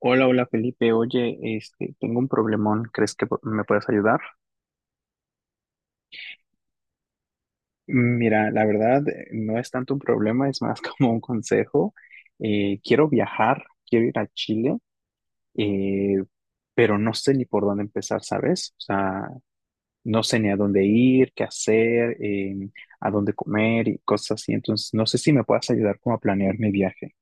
Hola, hola Felipe. Oye, tengo un problemón. ¿Crees que me puedes ayudar? Mira, la verdad no es tanto un problema, es más como un consejo. Quiero viajar, quiero ir a Chile, eh, pero no sé ni por dónde empezar, ¿sabes? O sea, no sé ni a dónde ir, qué hacer, a dónde comer y cosas así. Entonces, no sé si me puedas ayudar como a planear mi viaje.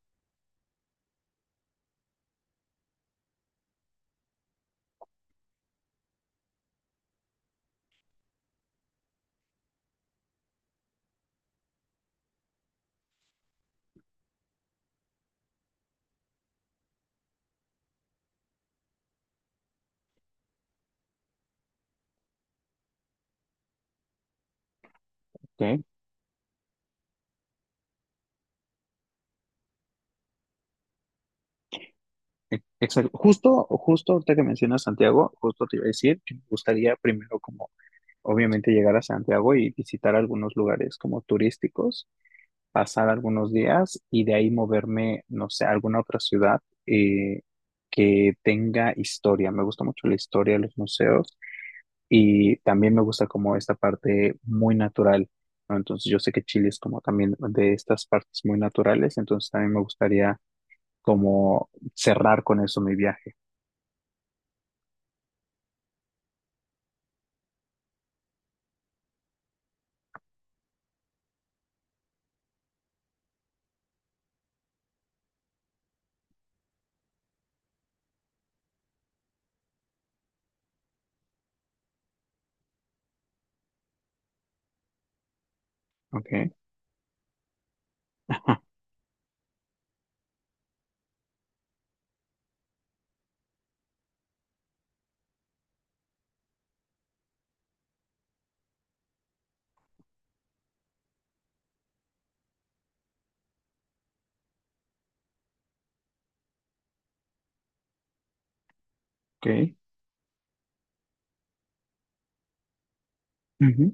¿Ok? Exacto. Justo ahorita que mencionas Santiago, justo te iba a decir que me gustaría primero como obviamente llegar a Santiago y visitar algunos lugares como turísticos, pasar algunos días y de ahí moverme, no sé, a alguna otra ciudad eh, que tenga historia. Me gusta mucho la historia, los museos y también me gusta como esta parte muy natural, ¿no? Entonces yo sé que Chile es como también de estas partes muy naturales, entonces también me gustaría como cerrar con eso mi viaje. ¿Ok? Ajá. Ok. Ujú,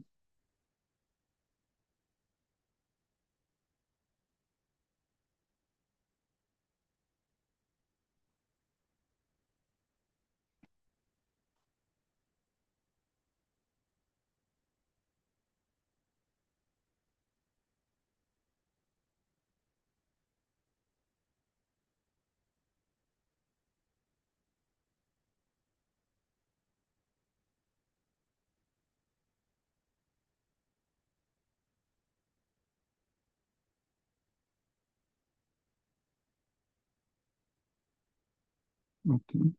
ok.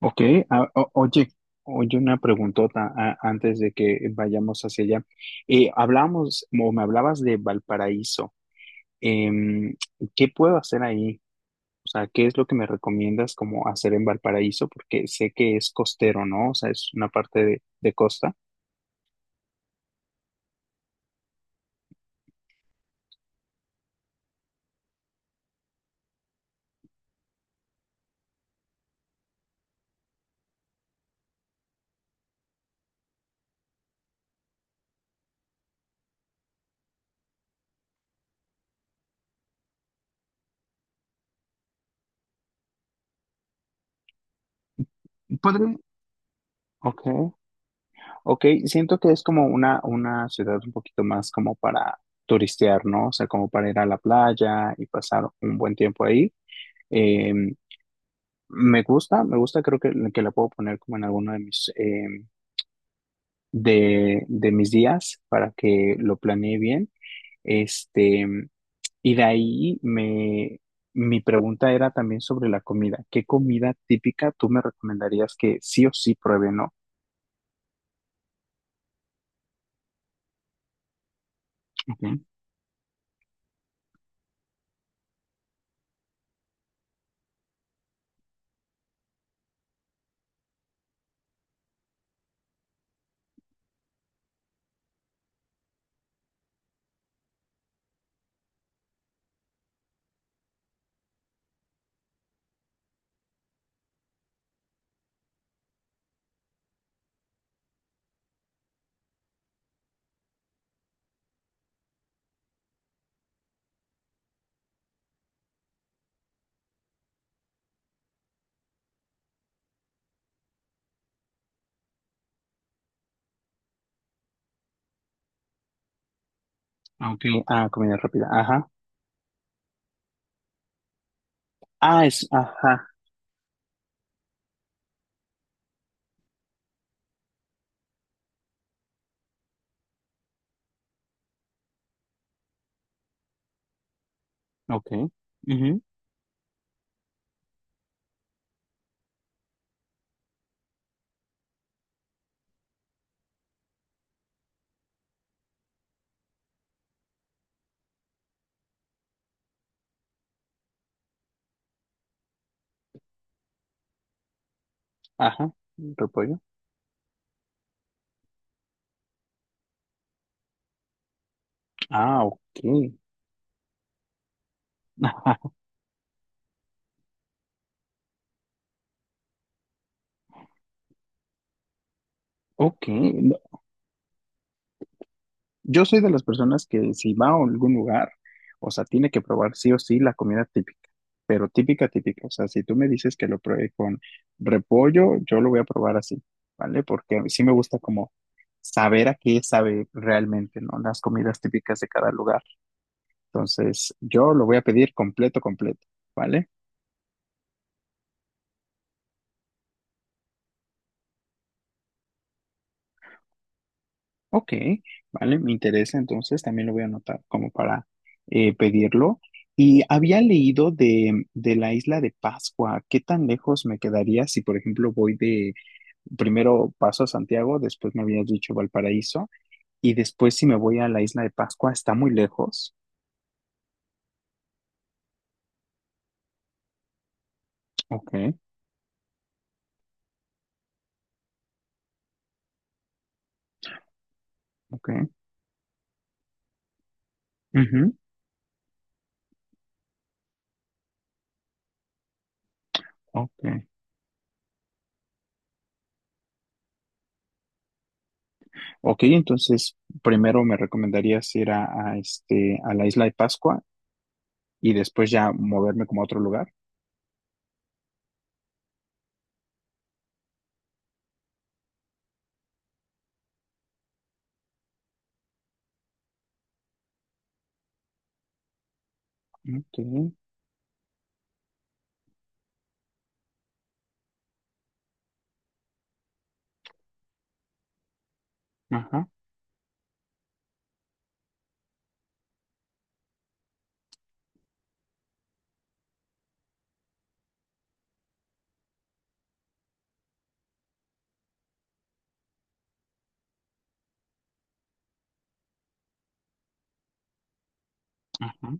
Ok, oye, oye una preguntota antes de que vayamos hacia allá. Hablamos, o me hablabas de Valparaíso. Em, ¿Qué puedo hacer ahí? O sea, ¿qué es lo que me recomiendas como hacer en Valparaíso? Porque sé que es costero, ¿no? O sea, es una parte de costa. Podré- Ok, ok, siento que es como una ciudad un poquito más como para turistear, ¿no? O sea, como para ir a la playa y pasar un buen tiempo ahí. Em, me gusta, creo que la puedo poner como en alguno de mis días para que lo planee bien. Este, y de ahí mi pregunta era también sobre la comida. ¿Qué comida típica tú me recomendarías que sí o sí pruebe, no? Okay. Ah, ok. Ah, comida rápida. Ajá. Ah, es, ajá. Ok. Ujú. Ajá. Repollo. Ah, ok. Ok. Yo soy de las personas que si va a algún lugar, o sea, tiene que probar sí o sí la comida típica, pero típica, típica. O sea, si tú me dices que lo pruebe con repollo, yo lo voy a probar así, ¿vale? Porque a mí sí me gusta como saber a qué sabe realmente, ¿no? Las comidas típicas de cada lugar. Entonces, yo lo voy a pedir completo, completo, ¿vale? Ok, vale, me interesa, entonces también lo voy a anotar como para pedirlo. Y había leído de la isla de Pascua. ¿Qué tan lejos me quedaría si, por ejemplo, voy de, primero paso a Santiago, después me habías dicho Valparaíso, y después si me voy a la isla de Pascua, ¿está muy lejos? Ok, ok, ujú, ok. Ok, entonces primero me recomendarías ir a la isla de Pascua y después ya moverme como a otro lugar. Ok, ajá. Ajá.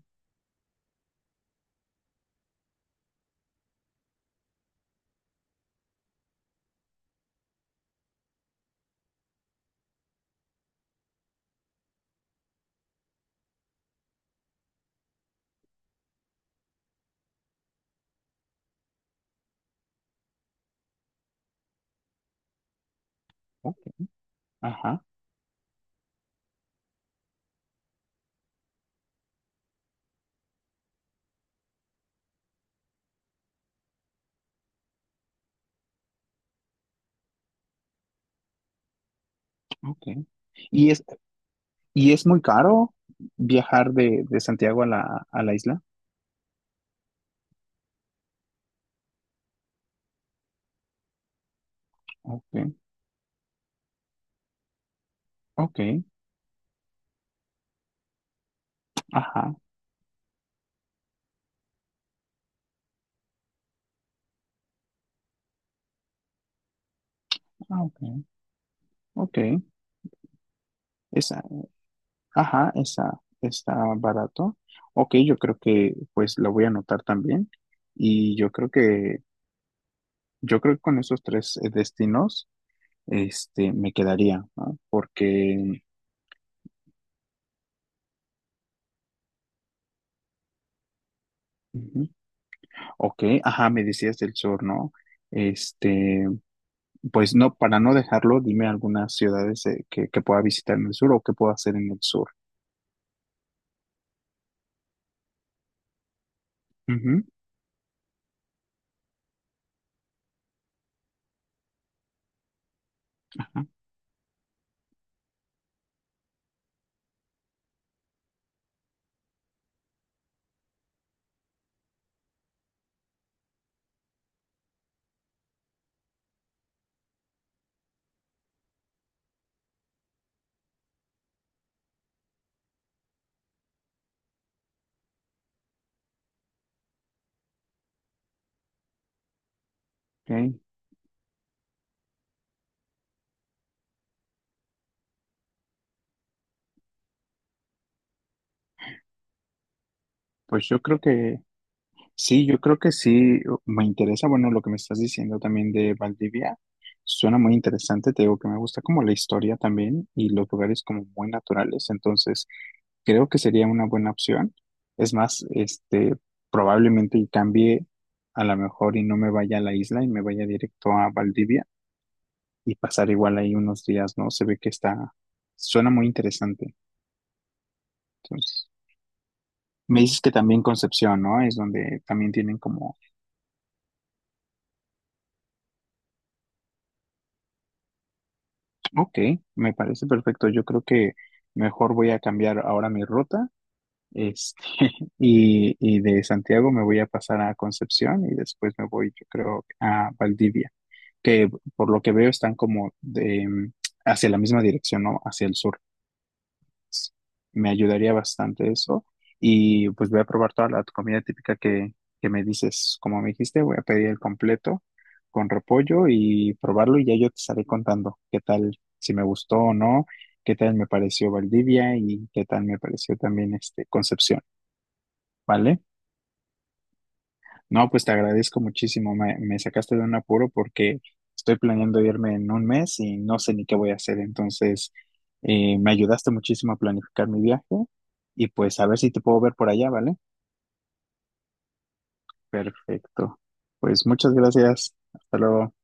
Ok, Ajá, ok. ¿Y es, y es muy caro viajar de Santiago a la isla? Ok, ok, ajá, ah, ok, ok. Esa, ajá, esa está barato. Ok, yo creo que pues la voy a anotar también. Y yo creo que, yo creo que con esos tres destinos, me quedaría, ¿no? Porque, ujú, ok, ajá, me decías del sur, ¿no? Este, pues no, para no dejarlo, dime algunas ciudades que pueda visitar en el sur o que pueda hacer en el sur. Ujú. Ajá, ok. Pues yo creo que sí, yo creo que sí me interesa, bueno, lo que me estás diciendo también de Valdivia. Suena muy interesante, te digo que me gusta como la historia también y los lugares como muy naturales, entonces creo que sería una buena opción. Es más, probablemente y cambie a lo mejor y no me vaya a la isla y me vaya directo a Valdivia y pasar igual ahí unos días, ¿no? Se ve que está, suena muy interesante. Entonces, me dices que también Concepción, ¿no? Es donde también tienen como, ok, me parece perfecto. Yo creo que mejor voy a cambiar ahora mi ruta, este, y de Santiago me voy a pasar a Concepción y después me voy, yo creo, a Valdivia, que por lo que veo están como de, hacia la misma dirección, ¿no? Hacia el sur. Me ayudaría bastante eso. Y pues voy a probar toda la comida típica que me dices. Como me dijiste, voy a pedir el completo con repollo y probarlo y ya yo te estaré contando qué tal, si me gustó o no, qué tal me pareció Valdivia y qué tal me pareció también este Concepción, ¿vale? No, pues te agradezco muchísimo. Me sacaste de un apuro porque estoy planeando irme en 1 mes y no sé ni qué voy a hacer. Entonces, me ayudaste muchísimo a planificar mi viaje y pues a ver si te puedo ver por allá, ¿vale? Perfecto. Pues muchas gracias. Hasta luego.